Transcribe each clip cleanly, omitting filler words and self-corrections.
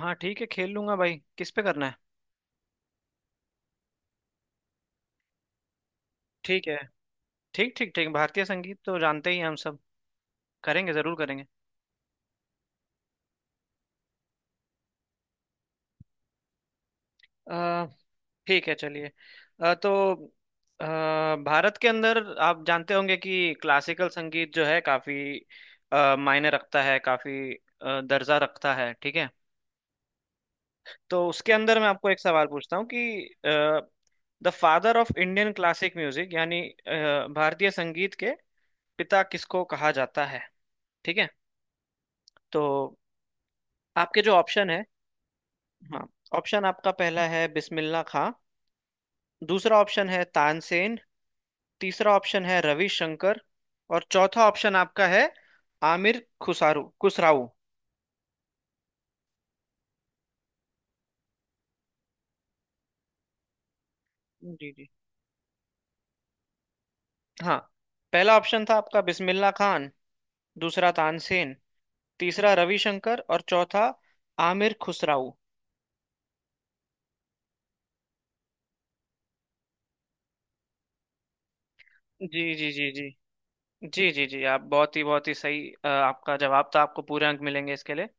हाँ, ठीक है। खेल लूंगा भाई, किस पे करना है? ठीक है। ठीक ठीक ठीक भारतीय संगीत तो जानते ही हैं हम सब। करेंगे, जरूर करेंगे। अ, ठीक है, चलिए। अ, तो अ, भारत के अंदर आप जानते होंगे कि क्लासिकल संगीत जो है काफी मायने रखता है, काफी दर्जा रखता है। ठीक है, तो उसके अंदर मैं आपको एक सवाल पूछता हूँ कि the father of Indian classic music यानी भारतीय संगीत के पिता किसको कहा जाता है? ठीक है। तो आपके जो ऑप्शन है। हाँ, ऑप्शन आपका पहला है बिस्मिल्लाह खां। दूसरा ऑप्शन है तानसेन। तीसरा ऑप्शन है रविशंकर। और चौथा ऑप्शन आपका है आमिर खुसारू खुसराऊ। जी जी। हाँ, पहला ऑप्शन था आपका बिस्मिल्लाह खान। दूसरा तानसेन। तीसरा रविशंकर और चौथा आमिर खुसराऊ। जी जी जी जी। जी जी जी, आप बहुत ही सही आपका जवाब था। आपको पूरे अंक मिलेंगे इसके लिए।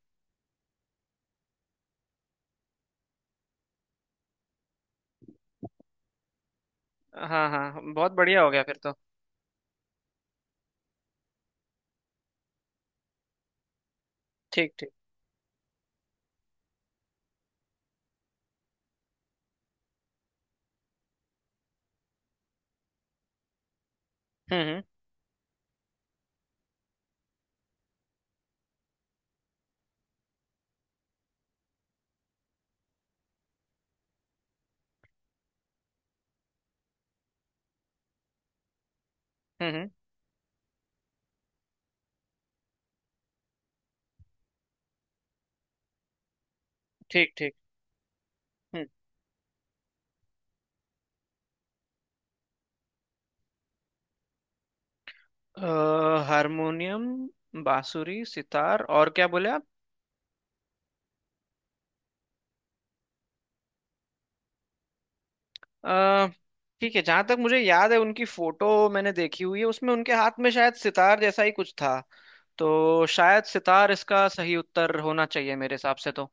हाँ हाँ हाँ, बहुत बढ़िया हो गया फिर तो। ठीक ठीक। हम्म। हम्म। हम्म। ठीक। हम्म। अ, हारमोनियम, बांसुरी, सितार और क्या बोले आप? अ, ठीक है, जहां तक मुझे याद है उनकी फोटो मैंने देखी हुई है, उसमें उनके हाथ में शायद सितार जैसा ही कुछ था। तो शायद सितार इसका सही उत्तर होना चाहिए मेरे हिसाब से तो।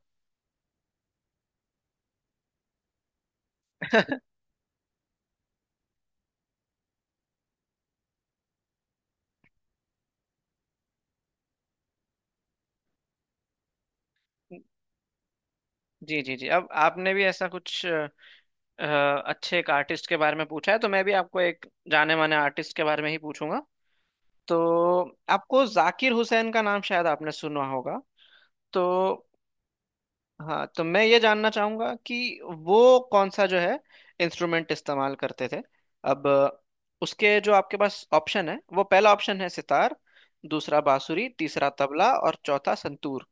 जी जी जी, अब आपने भी ऐसा कुछ अच्छे एक आर्टिस्ट के बारे में पूछा है, तो मैं भी आपको एक जाने माने आर्टिस्ट के बारे में ही पूछूंगा। तो आपको जाकिर हुसैन का नाम शायद आपने सुना होगा। तो हाँ, तो मैं ये जानना चाहूंगा कि वो कौन सा जो है इंस्ट्रूमेंट इस्तेमाल करते थे। अब उसके जो आपके पास ऑप्शन है, वो पहला ऑप्शन है सितार। दूसरा बांसुरी, तीसरा तबला और चौथा संतूर।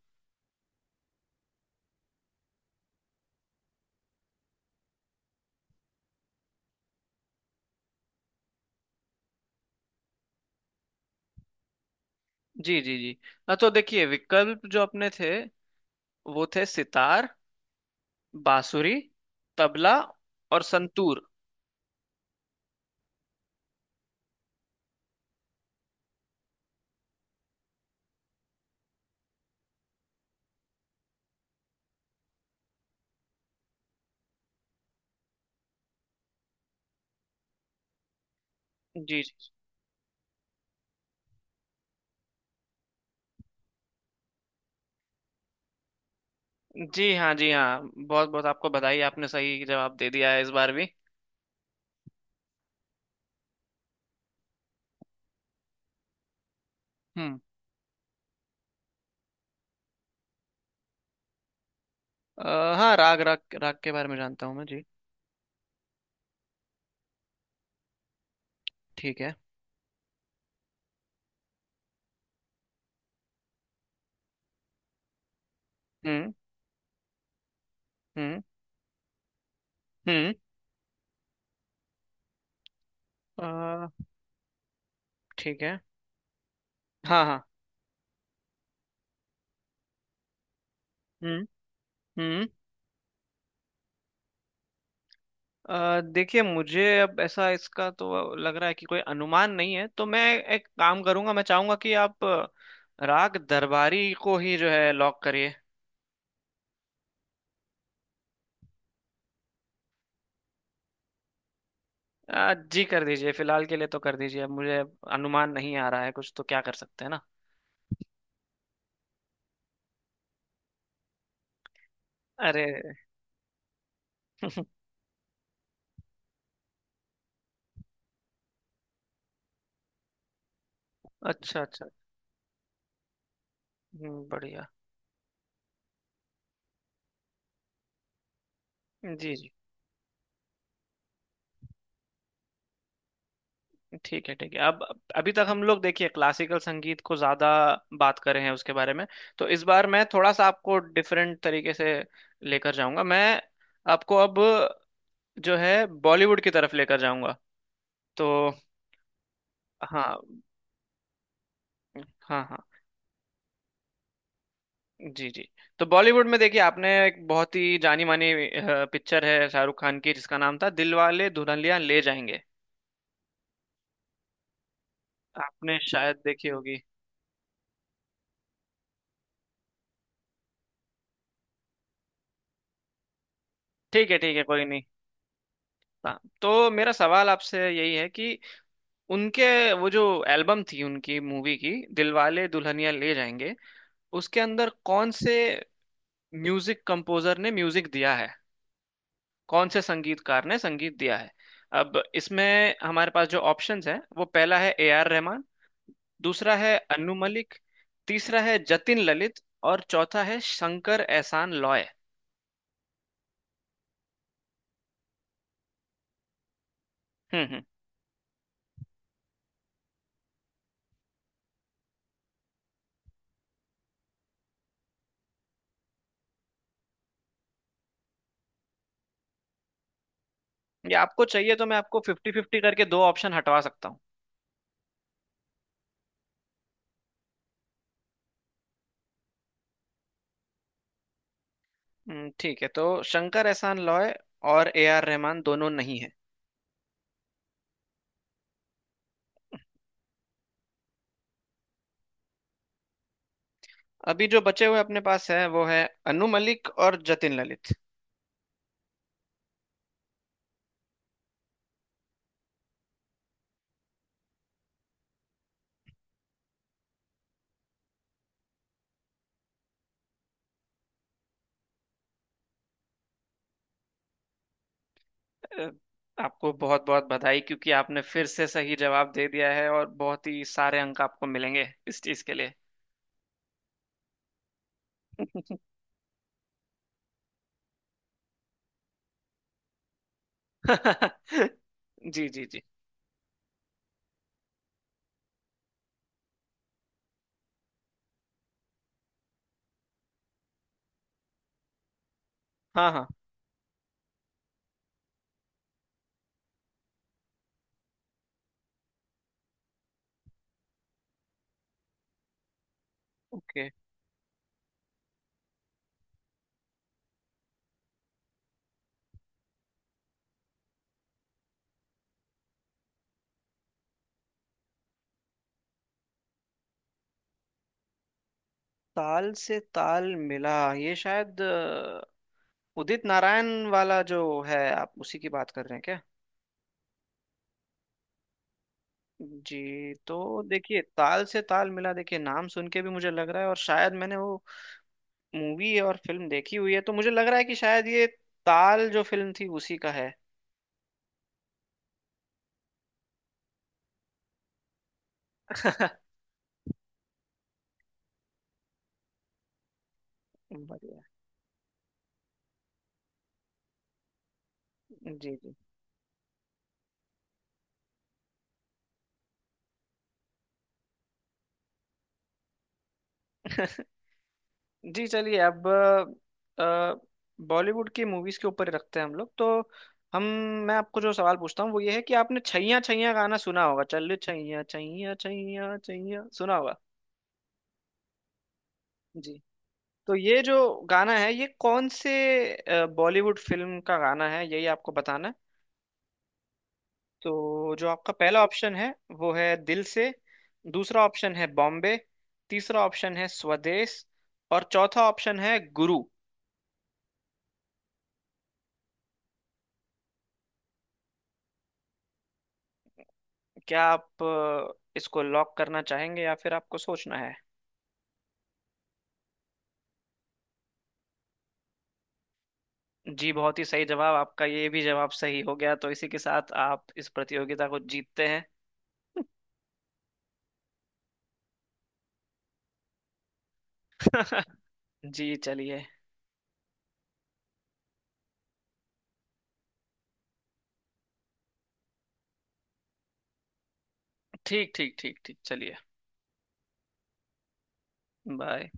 जी जी जी। हाँ, तो देखिए विकल्प जो अपने थे वो थे सितार, बांसुरी, तबला और संतूर। जी जी जी हाँ, जी हाँ, बहुत बहुत आपको बधाई, आपने सही जवाब दे दिया है इस बार भी। हम्म। हाँ, राग राग राग के बारे में जानता हूँ मैं जी। ठीक है। हम्म। हम्म। हम्म। आ, ठीक है। हाँ हाँ। हम्म। हम्म। आ, देखिए मुझे अब ऐसा इसका तो लग रहा है कि कोई अनुमान नहीं है, तो मैं एक काम करूंगा, मैं चाहूंगा कि आप राग दरबारी को ही जो है लॉक करिए। आ, जी, कर दीजिए फिलहाल के लिए तो कर दीजिए, अब मुझे अनुमान नहीं आ रहा है कुछ, तो क्या कर सकते हैं ना। अरे। अच्छा अच्छा। बढ़िया। जी जी। ठीक है, अब अभी तक हम लोग देखिए क्लासिकल संगीत को ज्यादा बात कर रहे हैं उसके बारे में। तो इस बार मैं थोड़ा सा आपको डिफरेंट तरीके से लेकर जाऊंगा। मैं आपको अब जो है बॉलीवुड की तरफ लेकर जाऊंगा। तो हाँ हाँ हाँ। जी जी, तो बॉलीवुड में देखिए आपने एक बहुत ही जानी मानी पिक्चर है शाहरुख खान की, जिसका नाम था दिलवाले दुल्हनिया ले जाएंगे। आपने शायद देखी होगी। ठीक है, कोई नहीं। हाँ, तो मेरा सवाल आपसे यही है कि उनके वो जो एल्बम थी उनकी मूवी की दिलवाले दुल्हनिया ले जाएंगे, उसके अंदर कौन से म्यूजिक कंपोजर ने म्यूजिक दिया है, कौन से संगीतकार ने संगीत दिया है? अब इसमें हमारे पास जो ऑप्शंस हैं, वो पहला है ए आर रहमान। दूसरा है अनु मलिक। तीसरा है जतिन ललित। और चौथा है शंकर एहसान लॉय। हम्म। ये आपको चाहिए तो मैं आपको फिफ्टी फिफ्टी करके दो ऑप्शन हटवा सकता हूँ। ठीक है, तो शंकर एहसान लॉय और ए आर रहमान दोनों नहीं है। अभी जो बचे हुए अपने पास है वो है अनु मलिक और जतिन ललित। अ, आपको बहुत बहुत बधाई, क्योंकि आपने फिर से सही जवाब दे दिया है और बहुत ही सारे अंक आपको मिलेंगे इस चीज के लिए। जी जी जी। हाँ हाँ। ओके। ताल से ताल मिला, ये शायद उदित नारायण वाला जो है, आप उसी की बात कर रहे हैं क्या? जी, तो देखिए ताल से ताल मिला, देखिए नाम सुन के भी मुझे लग रहा है और शायद मैंने वो मूवी और फिल्म देखी हुई है, तो मुझे लग रहा है कि शायद ये ताल जो फिल्म थी उसी का है। बढ़िया। जी जी। जी, चलिए अब बॉलीवुड की मूवीज के ऊपर रखते हैं हम लोग, तो हम मैं आपको जो सवाल पूछता हूँ वो ये है कि आपने छैया छैया गाना सुना होगा, चल छैया छैया छैया छैया सुना होगा। जी, तो ये जो गाना है ये कौन से बॉलीवुड फिल्म का गाना है, यही आपको बताना है। तो जो आपका पहला ऑप्शन है वो है दिल से। दूसरा ऑप्शन है बॉम्बे। तीसरा ऑप्शन है स्वदेश। और चौथा ऑप्शन है गुरु। क्या आप इसको लॉक करना चाहेंगे या फिर आपको सोचना है? जी, बहुत ही सही जवाब आपका, ये भी जवाब सही हो गया, तो इसी के साथ आप इस प्रतियोगिता को जीतते हैं। जी, चलिए। ठीक ठीक ठीक ठीक चलिए। बाय।